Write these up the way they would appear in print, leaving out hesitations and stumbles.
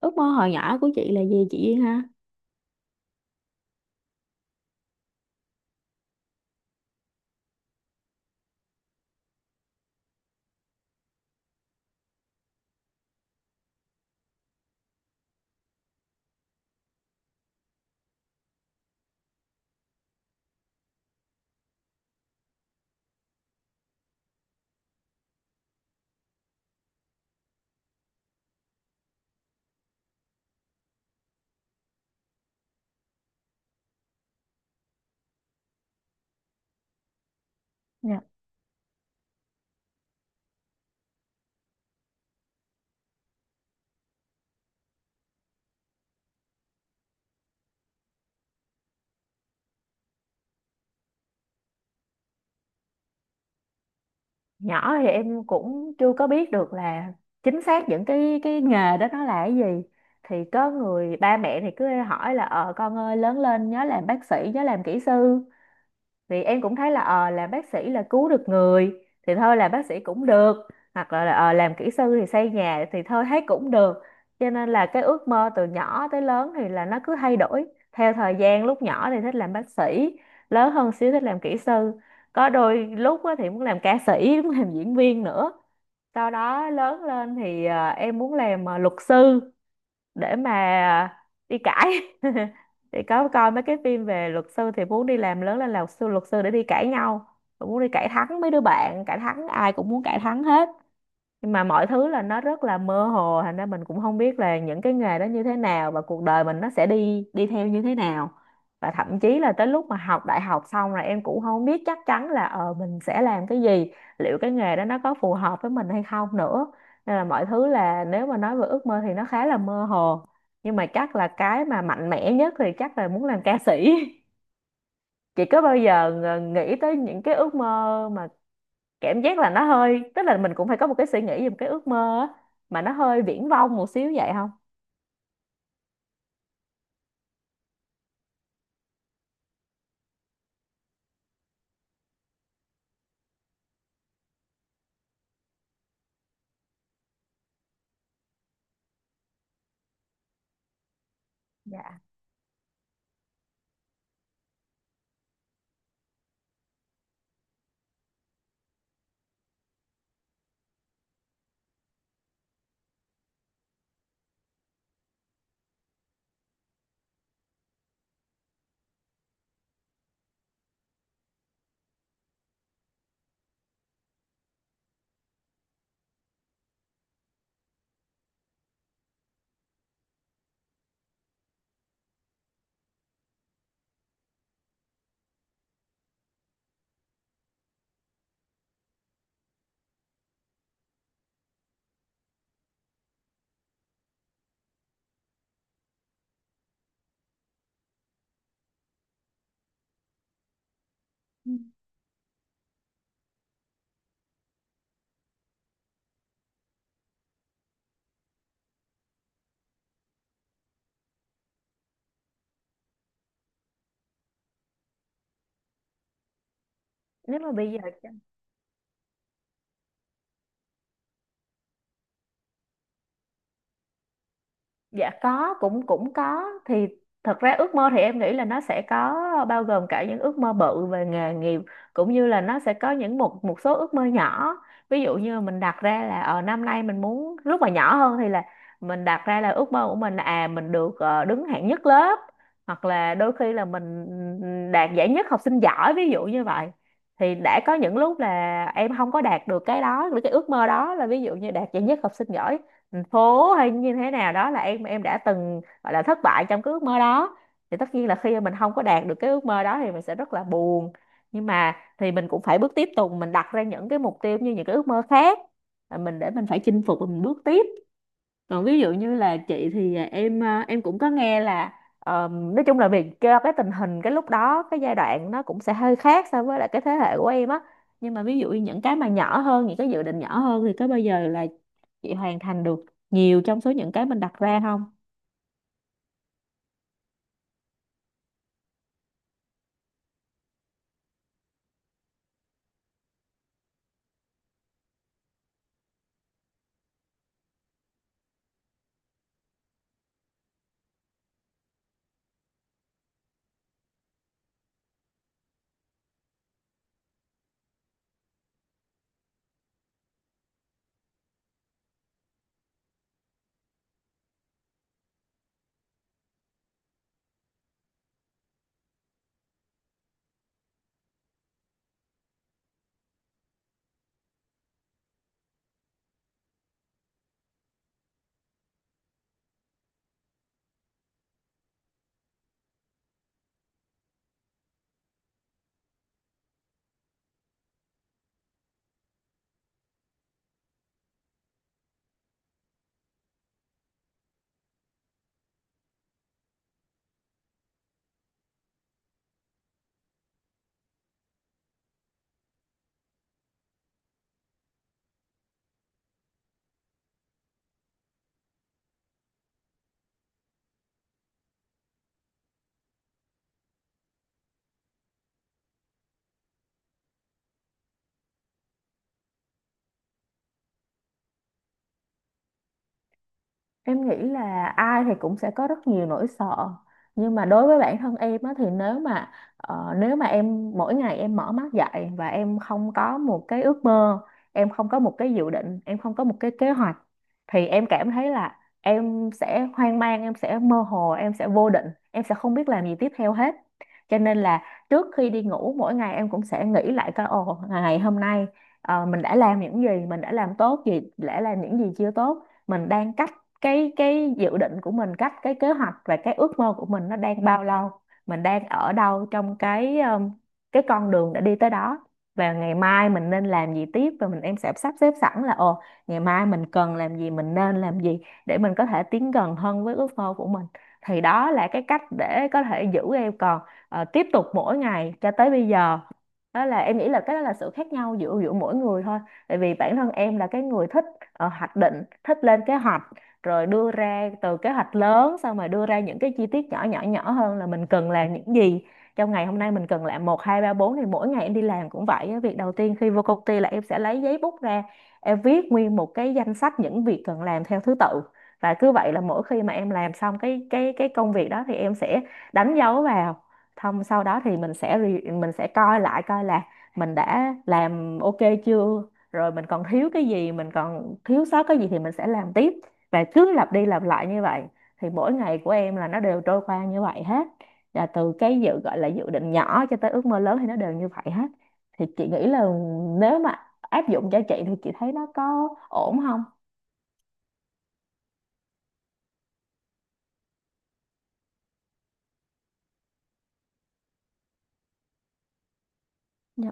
Ước mơ hồi nhỏ của chị là gì chị Duyên ha? Nhỏ thì em cũng chưa có biết được là chính xác những cái nghề đó nó là cái gì. Thì có người ba mẹ thì cứ hỏi là con ơi lớn lên nhớ làm bác sĩ, nhớ làm kỹ sư. Thì em cũng thấy là làm bác sĩ là cứu được người, thì thôi làm bác sĩ cũng được. Hoặc là làm kỹ sư thì xây nhà, thì thôi thấy cũng được. Cho nên là cái ước mơ từ nhỏ tới lớn thì là nó cứ thay đổi theo thời gian. Lúc nhỏ thì thích làm bác sĩ, lớn hơn xíu thích làm kỹ sư, có đôi lúc á thì muốn làm ca sĩ muốn làm diễn viên nữa. Sau đó lớn lên thì em muốn làm luật sư, để mà đi cãi thì có coi mấy cái phim về luật sư thì muốn đi làm lớn lên là luật sư, luật sư để đi cãi nhau. Rồi muốn đi cãi thắng mấy đứa bạn, cãi thắng ai cũng muốn cãi thắng hết. Nhưng mà mọi thứ là nó rất là mơ hồ, thành ra mình cũng không biết là những cái nghề đó như thế nào và cuộc đời mình nó sẽ đi đi theo như thế nào. Và thậm chí là tới lúc mà học đại học xong rồi em cũng không biết chắc chắn là mình sẽ làm cái gì, liệu cái nghề đó nó có phù hợp với mình hay không nữa. Nên là mọi thứ là, nếu mà nói về ước mơ thì nó khá là mơ hồ, nhưng mà chắc là cái mà mạnh mẽ nhất thì chắc là muốn làm ca sĩ. Chị có bao giờ nghĩ tới những cái ước mơ mà cảm giác là nó hơi, tức là mình cũng phải có một cái suy nghĩ, một cái ước mơ á, mà nó hơi viển vông một xíu vậy không? Dạ. Nếu mà bây giờ. Dạ có, cũng cũng có. Thì thật ra ước mơ thì em nghĩ là nó sẽ có, bao gồm cả những ước mơ bự về nghề nghiệp, cũng như là nó sẽ có những một một số ước mơ nhỏ. Ví dụ như mình đặt ra là ở năm nay mình muốn, lúc mà nhỏ hơn thì là mình đặt ra là ước mơ của mình là mình được đứng hạng nhất lớp, hoặc là đôi khi là mình đạt giải nhất học sinh giỏi, ví dụ như vậy. Thì đã có những lúc là em không có đạt được cái đó, cái ước mơ đó, là ví dụ như đạt giải nhất học sinh giỏi thành phố hay như thế nào đó, là em đã từng gọi là thất bại trong cái ước mơ đó. Thì tất nhiên là khi mà mình không có đạt được cái ước mơ đó thì mình sẽ rất là buồn, nhưng mà thì mình cũng phải bước tiếp tục, mình đặt ra những cái mục tiêu, như những cái ước mơ khác, là mình để mình phải chinh phục và mình bước tiếp. Còn ví dụ như là chị thì em cũng có nghe là, nói chung là vì cho cái tình hình, cái lúc đó, cái giai đoạn nó cũng sẽ hơi khác so với lại cái thế hệ của em á. Nhưng mà ví dụ như những cái mà nhỏ hơn, những cái dự định nhỏ hơn, thì có bao giờ là chị hoàn thành được nhiều trong số những cái mình đặt ra không? Em nghĩ là ai thì cũng sẽ có rất nhiều nỗi sợ, nhưng mà đối với bản thân em á, thì nếu mà em mỗi ngày em mở mắt dậy và em không có một cái ước mơ, em không có một cái dự định, em không có một cái kế hoạch, thì em cảm thấy là em sẽ hoang mang, em sẽ mơ hồ, em sẽ vô định, em sẽ không biết làm gì tiếp theo hết. Cho nên là trước khi đi ngủ mỗi ngày em cũng sẽ nghĩ lại coi, ồ, ngày hôm nay mình đã làm những gì, mình đã làm tốt gì, đã làm những gì chưa tốt, mình đang cách cái dự định của mình, cách cái kế hoạch và cái ước mơ của mình nó đang bao lâu, mình đang ở đâu trong cái con đường đã đi tới đó, và ngày mai mình nên làm gì tiếp, và em sẽ sắp xếp sẵn là, ồ, ngày mai mình cần làm gì, mình nên làm gì, để mình có thể tiến gần hơn với ước mơ của mình. Thì đó là cái cách để có thể giữ em còn tiếp tục mỗi ngày cho tới bây giờ. Đó là em nghĩ là cái đó là sự khác nhau giữa giữa mỗi người thôi. Tại vì bản thân em là cái người thích hoạch định, thích lên kế hoạch, rồi đưa ra từ kế hoạch lớn, xong rồi đưa ra những cái chi tiết nhỏ nhỏ nhỏ hơn là mình cần làm những gì. Trong ngày hôm nay mình cần làm một, hai, ba, bốn, thì mỗi ngày em đi làm cũng vậy á. Việc đầu tiên khi vô công ty là em sẽ lấy giấy bút ra, em viết nguyên một cái danh sách những việc cần làm theo thứ tự, và cứ vậy là mỗi khi mà em làm xong cái công việc đó thì em sẽ đánh dấu vào. Thông sau đó thì mình sẽ mình sẽ coi lại coi là mình đã làm ok chưa, rồi mình còn thiếu cái gì, mình còn thiếu sót cái gì thì mình sẽ làm tiếp, và cứ lặp đi lặp lại như vậy. Thì mỗi ngày của em là nó đều trôi qua như vậy hết. Là từ cái gọi là dự định nhỏ cho tới ước mơ lớn thì nó đều như vậy hết. Thì chị nghĩ là nếu mà áp dụng cho chị thì chị thấy nó có ổn không? Dạ.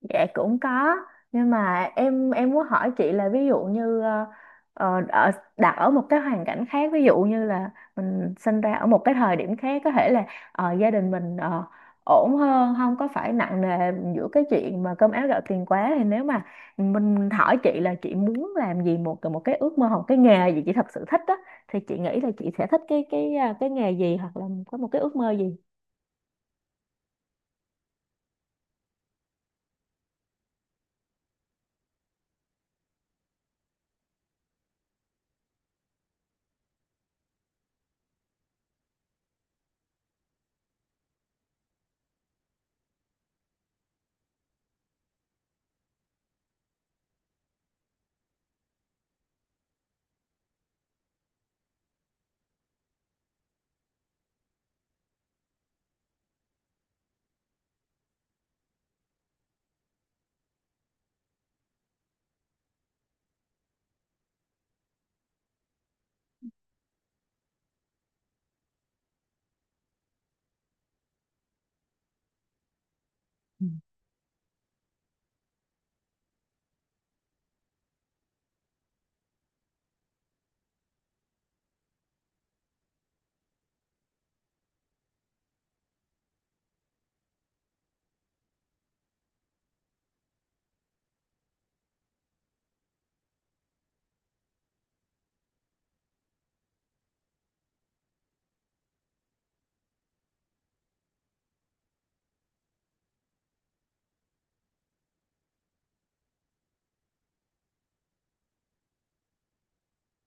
Dạ cũng có, nhưng mà em muốn hỏi chị là, ví dụ như ờ, ờ, ở đặt ở một cái hoàn cảnh khác, ví dụ như là mình sinh ra ở một cái thời điểm khác, có thể là gia đình mình ổn hơn, không có phải nặng nề giữa cái chuyện mà cơm áo gạo tiền quá, thì nếu mà mình hỏi chị là chị muốn làm gì, một một cái ước mơ hoặc cái nghề gì chị thật sự thích á, thì chị nghĩ là chị sẽ thích cái nghề gì, hoặc là có một cái ước mơ gì?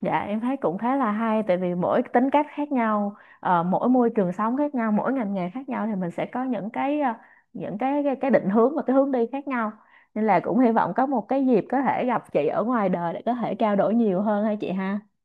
Dạ em thấy cũng khá là hay, tại vì mỗi tính cách khác nhau, mỗi môi trường sống khác nhau, mỗi ngành nghề khác nhau thì mình sẽ có những những cái định hướng và cái hướng đi khác nhau. Nên là cũng hy vọng có một cái dịp có thể gặp chị ở ngoài đời để có thể trao đổi nhiều hơn, hay chị ha.